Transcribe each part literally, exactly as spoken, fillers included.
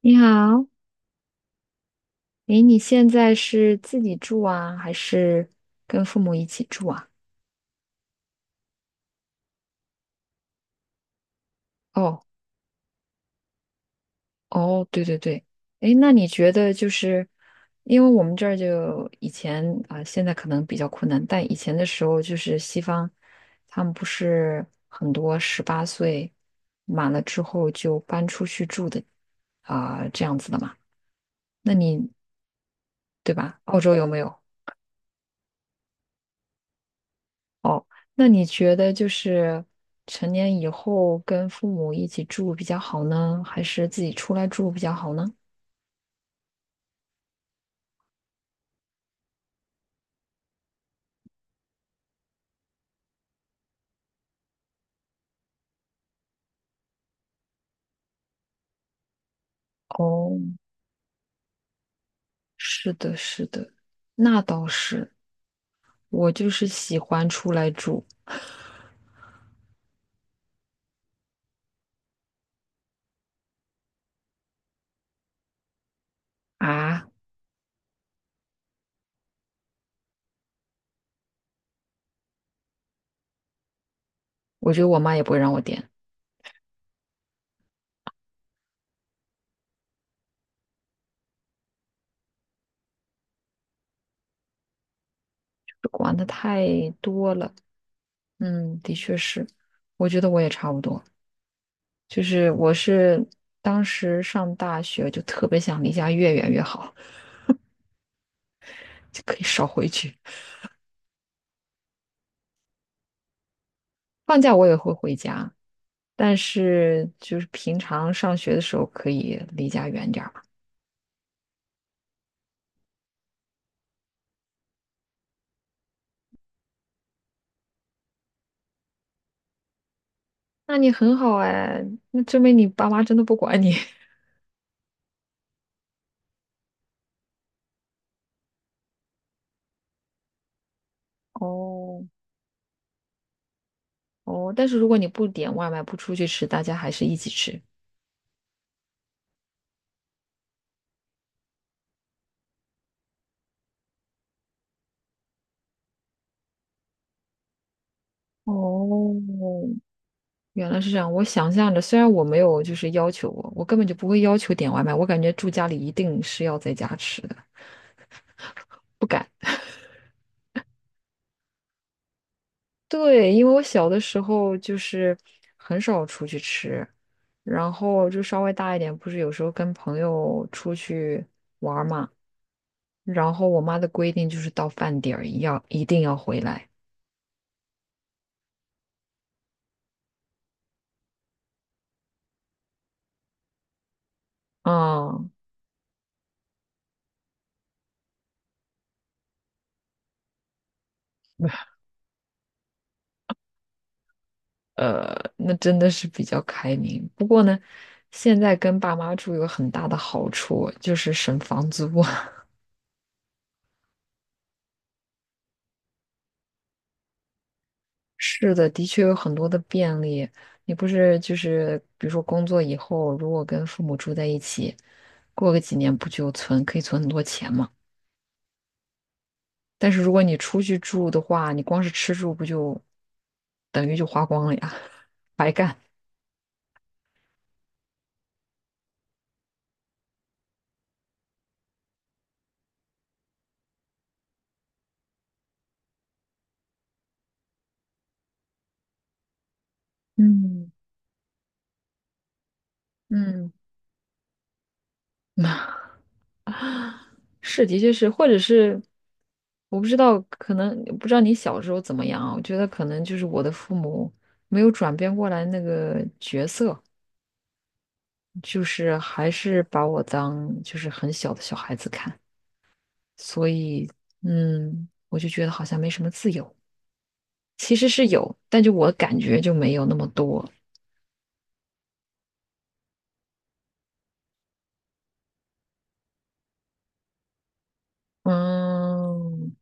你好，诶，你现在是自己住啊，还是跟父母一起住啊？哦，哦，对对对，诶，那你觉得就是，因为我们这儿就以前啊、呃现在可能比较困难，但以前的时候就是西方，他们不是很多十八岁满了之后就搬出去住的啊、这样子的嘛？那你对吧？澳洲有没有？哦，那你觉得就是成年以后跟父母一起住比较好呢，还是自己出来住比较好呢？哦，是的，是的，那倒是，我就是喜欢出来住啊，我觉得我妈也不会让我点，管的太多了。嗯，的确是，我觉得我也差不多，就是我是当时上大学就特别想离家越远越好，就可以少回去。放假我也会回家，但是就是平常上学的时候可以离家远点儿嘛。那你很好哎，那证明你爸妈真的不管你。哦哦，但是如果你不点外卖，不出去吃，大家还是一起吃。哦，原来是这样。我想象着，虽然我没有就是要求我，我根本就不会要求点外卖，我感觉住家里一定是要在家吃的，不敢。对，因为我小的时候就是很少出去吃，然后就稍微大一点，不是有时候跟朋友出去玩儿嘛，然后我妈的规定就是到饭点儿一要一定要回来，嗯，呃，那真的是比较开明。不过呢，现在跟爸妈住有很大的好处，就是省房租。是的，的确有很多的便利。你不是就是，比如说工作以后，如果跟父母住在一起，过个几年不就存，可以存很多钱嘛？但是如果你出去住的话，你光是吃住不就等于就花光了呀，白干。嗯嗯，那是，的确是，或者是我不知道，可能不知道你小时候怎么样啊？我觉得可能就是我的父母没有转变过来那个角色。就是还是把我当就是很小的小孩子看，所以嗯，我就觉得好像没什么自由，其实是有，但就我感觉就没有那么多。嗯，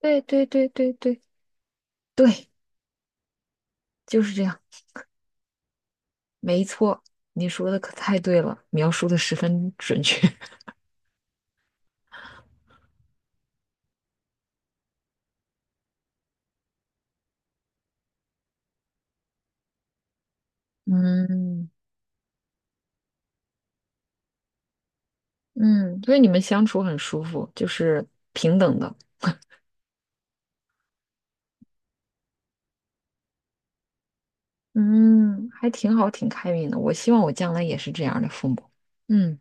对对对对对对，就是这样，没错，你说的可太对了，描述的十分准确。嗯嗯，所以你们相处很舒服，就是平等的，嗯，还挺好，挺开明的。我希望我将来也是这样的父母。嗯。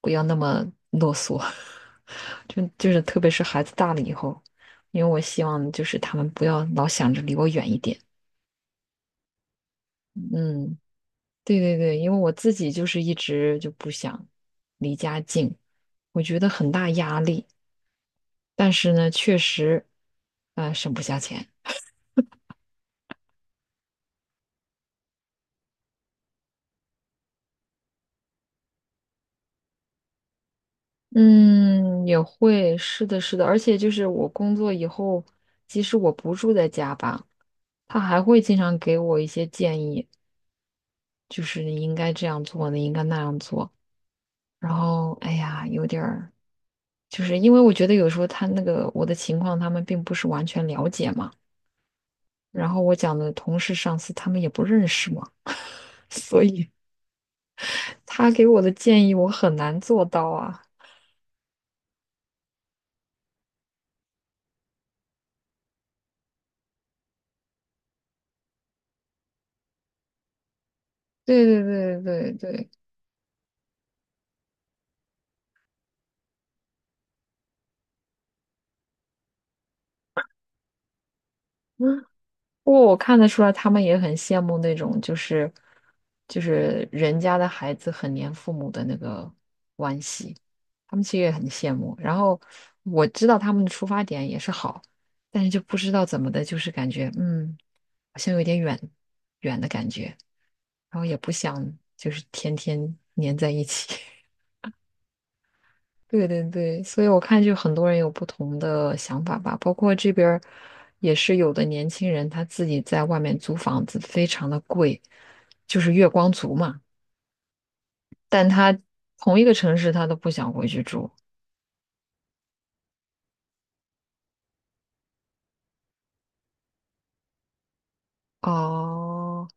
不要那么啰嗦，就就是特别是孩子大了以后，因为我希望就是他们不要老想着离我远一点。嗯，对对对，因为我自己就是一直就不想离家近，我觉得很大压力，但是呢，确实，呃，省不下钱。嗯，也会，是的，是的，而且就是我工作以后，即使我不住在家吧，他还会经常给我一些建议，就是你应该这样做，你应该那样做。然后哎呀，有点儿，就是因为我觉得有时候他那个我的情况，他们并不是完全了解嘛。然后我讲的同事、上司，他们也不认识嘛，所以他给我的建议我很难做到啊。对对对对对，不过我看得出来，他们也很羡慕那种，就是就是人家的孩子很黏父母的那个关系，他们其实也很羡慕。然后我知道他们的出发点也是好，但是就不知道怎么的，就是感觉嗯，好像有点远远的感觉，然后也不想就是天天黏在一起。对对对，所以我看就很多人有不同的想法吧，包括这边儿也是有的年轻人他自己在外面租房子非常的贵，就是月光族嘛，但他同一个城市他都不想回去住。哦，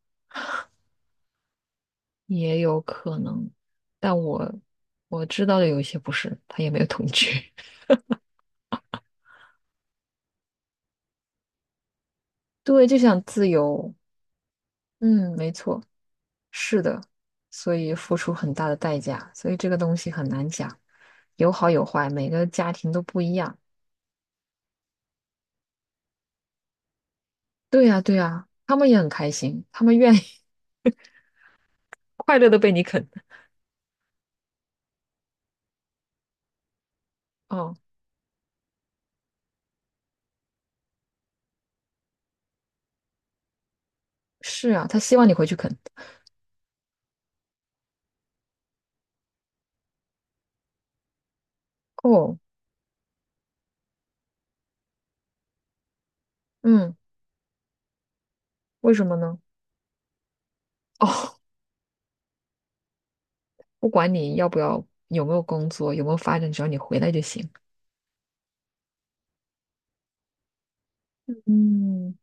也有可能，但我我知道的有一些不是，他也没有同居，对，就想自由。嗯，没错。是的，所以付出很大的代价，所以这个东西很难讲，有好有坏，每个家庭都不一样。对呀，对呀，他们也很开心，他们愿意 快乐的被你啃。哦，是啊，他希望你回去啃。哦，嗯，为什么呢？哦，不管你要不要，有没有工作，有没有发展，只要你回来就行。嗯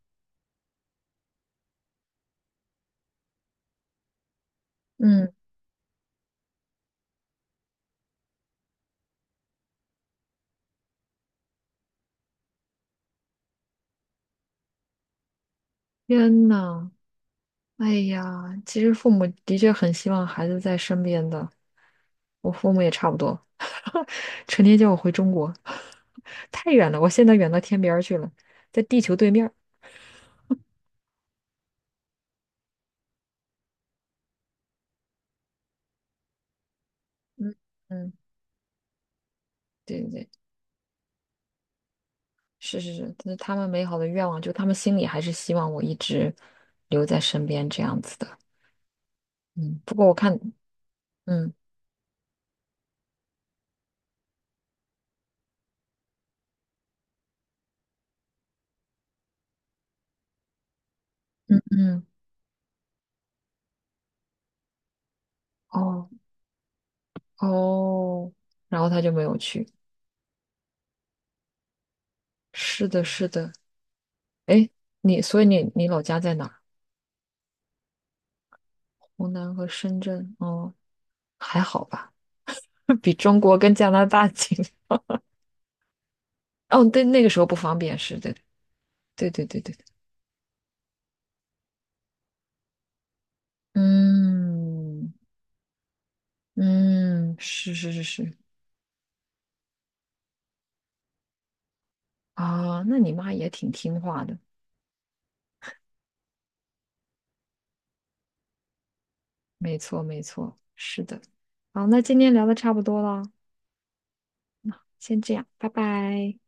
嗯，天呐，哎呀，其实父母的确很希望孩子在身边的，我父母也差不多，成天叫我回中国，太远了，我现在远到天边儿去了，在地球对面儿嗯嗯，对对对，是是是，但是他们美好的愿望，就他们心里还是希望我一直留在身边这样子的。嗯，不过我看，嗯嗯，哦哦，然后他就没有去。是的，是的，哎，你，所以你你老家在哪湖南和深圳，哦，还好吧，比中国跟加拿大近。哦，对，那个时候不方便，是对，对对对对对，嗯嗯，是是是是，啊，那你妈也挺听话的，没错没错，是的。好，那今天聊的差不多了，先这样，拜拜。